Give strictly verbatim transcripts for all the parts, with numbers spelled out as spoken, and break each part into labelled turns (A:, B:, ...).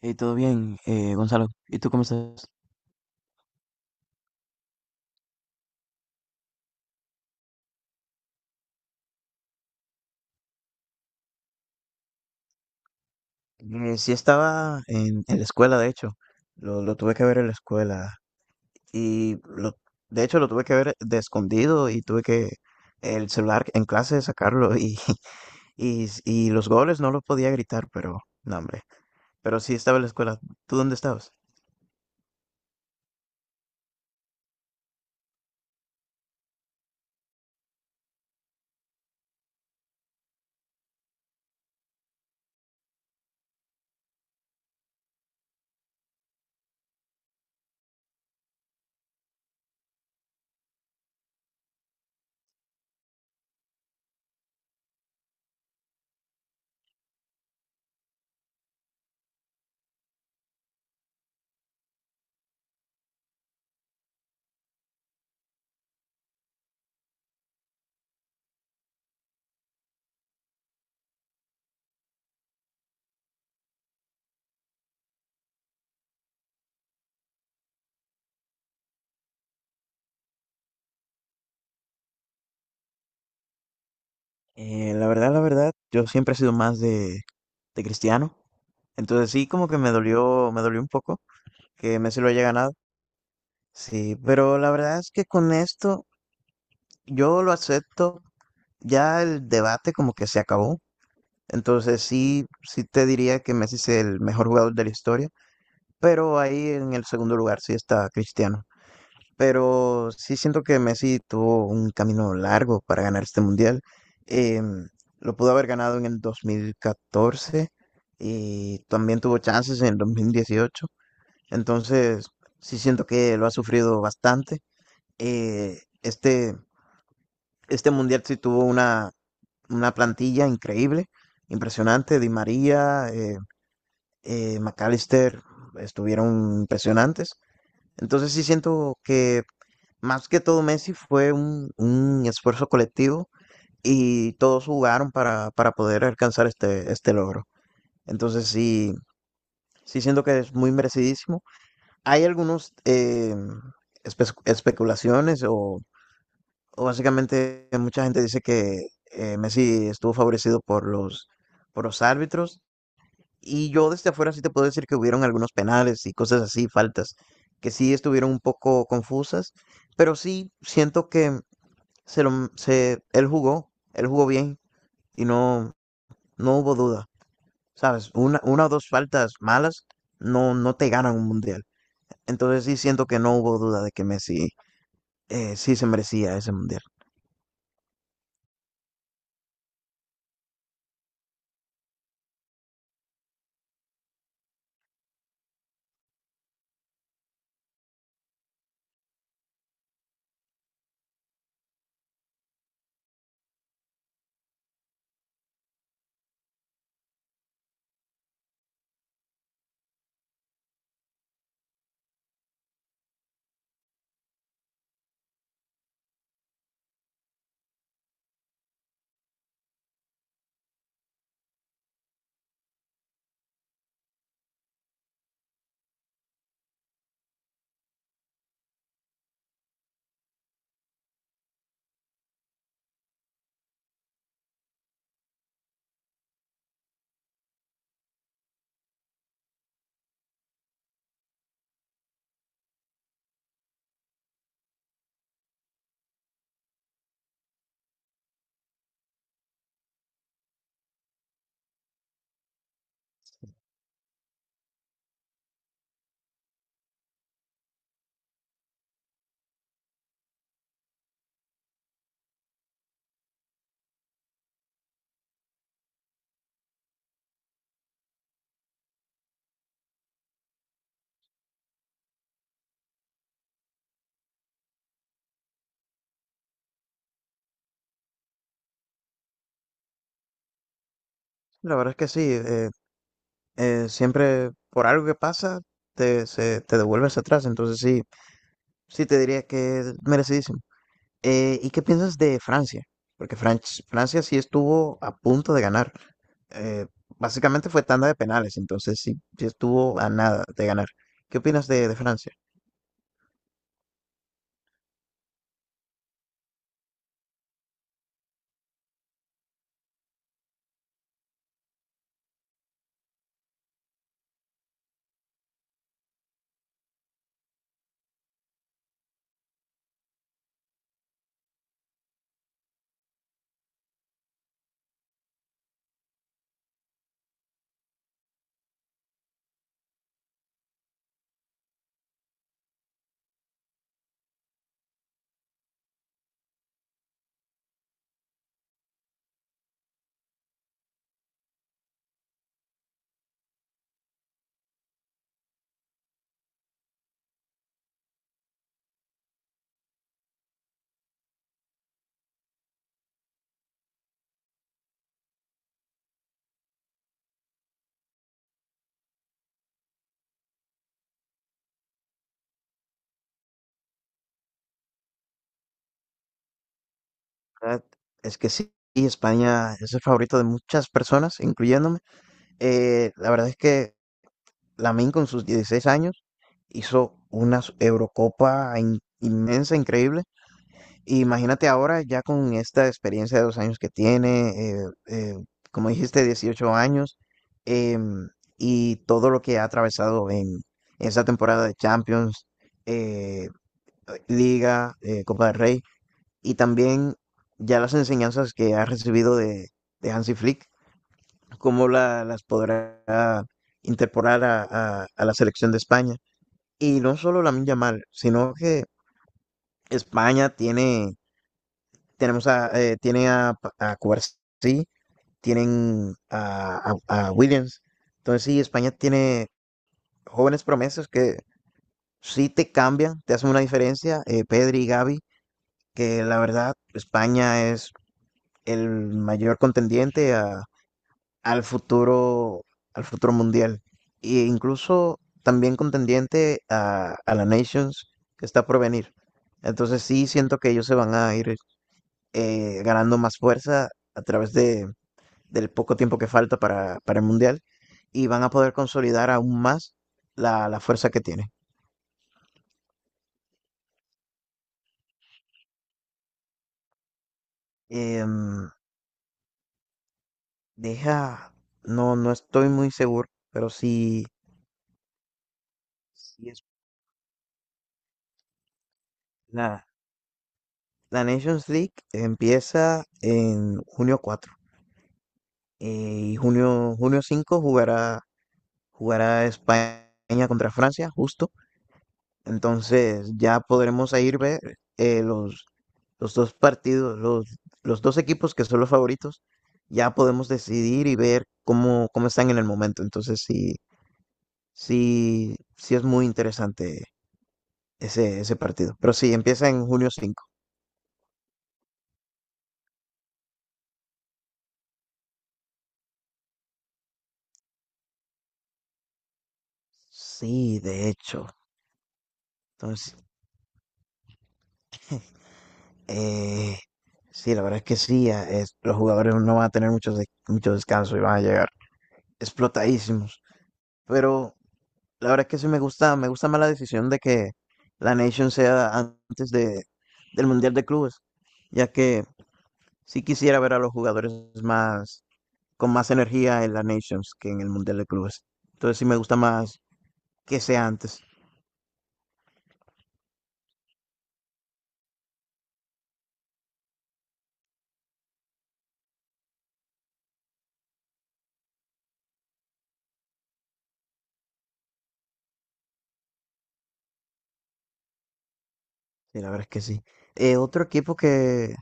A: Hey, todo bien, eh, Gonzalo. ¿Y tú cómo estás? Eh, sí estaba en, en la escuela, de hecho, lo, lo tuve que ver en la escuela y lo, de hecho lo tuve que ver de escondido y tuve que el celular en clase sacarlo y, y, y los goles no los podía gritar, pero no, hombre, pero sí estaba en la escuela. ¿Tú dónde estabas? Eh, la verdad, la verdad, yo siempre he sido más de, de Cristiano, entonces sí como que me dolió, me dolió un poco que Messi lo haya ganado. Sí, pero la verdad es que con esto yo lo acepto, ya el debate como que se acabó, entonces sí, sí te diría que Messi es el mejor jugador de la historia, pero ahí en el segundo lugar sí está Cristiano, pero sí siento que Messi tuvo un camino largo para ganar este mundial. Em, lo pudo haber ganado en el dos mil catorce y también tuvo chances en el dos mil dieciocho, entonces sí siento que lo ha sufrido bastante. eh, este, este mundial sí tuvo una, una plantilla increíble, impresionante. Di María, eh, eh, McAllister estuvieron impresionantes. Entonces sí siento que más que todo Messi fue un, un esfuerzo colectivo y todos jugaron para, para poder alcanzar este, este logro. Entonces sí, sí siento que es muy merecidísimo. Hay algunos eh, espe- especulaciones o o básicamente, mucha gente dice que eh, Messi estuvo favorecido por los, por los árbitros. Y yo desde afuera sí te puedo decir que hubieron algunos penales y cosas así, faltas, que sí estuvieron un poco confusas. Pero sí siento que se lo, se, él jugó, él jugó bien y no, no hubo duda. ¿Sabes? Una, una o dos faltas malas no, no te ganan un mundial. Entonces sí siento que no hubo duda de que Messi eh, sí se merecía ese mundial. La verdad es que sí, eh, eh, siempre por algo que pasa te, se, te devuelves atrás, entonces sí, sí te diría que es merecidísimo. Eh, ¿y qué piensas de Francia? Porque Franch- Francia sí estuvo a punto de ganar. Eh, Básicamente fue tanda de penales, entonces sí, sí estuvo a nada de ganar. ¿Qué opinas de, de Francia? Ah, es que sí, España es el favorito de muchas personas, incluyéndome. Eh, la verdad es que Lamine con sus dieciséis años hizo una s- Eurocopa in- inmensa, increíble. Y imagínate ahora ya con esta experiencia de dos años que tiene, eh, eh, como dijiste, dieciocho años, em, y todo lo que ha atravesado en esa temporada de Champions, eh, Liga, eh, Copa del Rey, y también ya las enseñanzas que ha recibido de, de Hansi Flick, cómo la- las podrá incorporar a, a- a la selección de España. Y no solo la Lamine mal, sino que España tiene, tenemos a, eh, tiene a, a Cubarsí, tienen a, a- a Williams. Entonces sí, España tiene jóvenes promesas que sí te cambian, te hacen una diferencia, eh, Pedri y Gavi, que la verdad España es el mayor contendiente a, al futuro, al futuro mundial. E incluso también contendiente a, a la Nations que está por venir. Entonces sí siento que ellos se van a ir eh, ganando más fuerza a través de, del poco tiempo que falta para, para el mundial y van a poder consolidar aún más la, la fuerza que tiene. Em, Deja, no, no estoy muy seguro, pero sí, sí es una, la Nations League empieza en junio cuatro eh, y junio, junio cinco jugará, jugará España contra Francia, justo. Entonces ya podremos ahí ver eh, los, los dos partidos, los, los dos equipos que son los favoritos. Ya podemos decidir y ver cómo, cómo están en el momento. Entonces sí, sí, sí es muy interesante ese, ese partido. Pero sí, empieza en junio cinco. Sí, de hecho. Entonces, Eh, sí, la verdad es que sí, a- es- los jugadores no van a tener mucho, de- mucho descanso y van a llegar explotadísimos. Pero la verdad es que sí me gusta, me gusta más la decisión de que la Nation sea antes de, del Mundial de Clubes, ya que sí quisiera ver a los jugadores más, con más energía en la Nations que en el Mundial de Clubes. Entonces sí me gusta más que sea antes. Sí, la verdad es que sí. Eh, otro equipo que,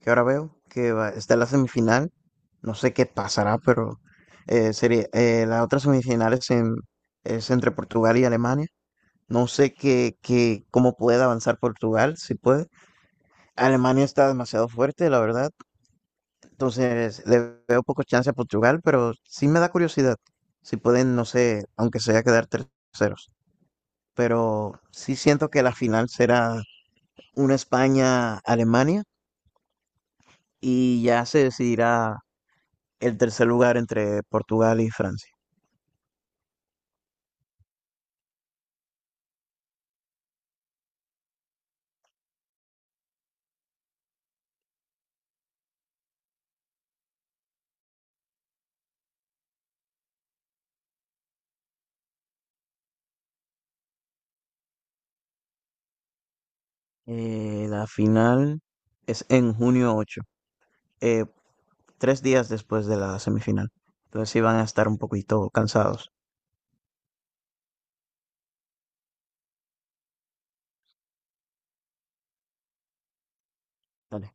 A: que ahora veo que va- está en la semifinal. No sé qué pasará, pero eh, sería, eh, la otra semifinal es, en- es entre Portugal y Alemania. No sé qué, qué, cómo puede avanzar Portugal, si puede. Alemania está demasiado fuerte, la verdad. Entonces le veo poco chance a Portugal, pero sí me da curiosidad. Si pueden, no sé, aunque sea quedar terceros. Pero sí siento que la final será una España-Alemania y ya se decidirá el tercer lugar entre Portugal y Francia. Eh, la final es en junio ocho, eh, tres días después de la semifinal. Entonces sí van a estar un poquito cansados. Dale.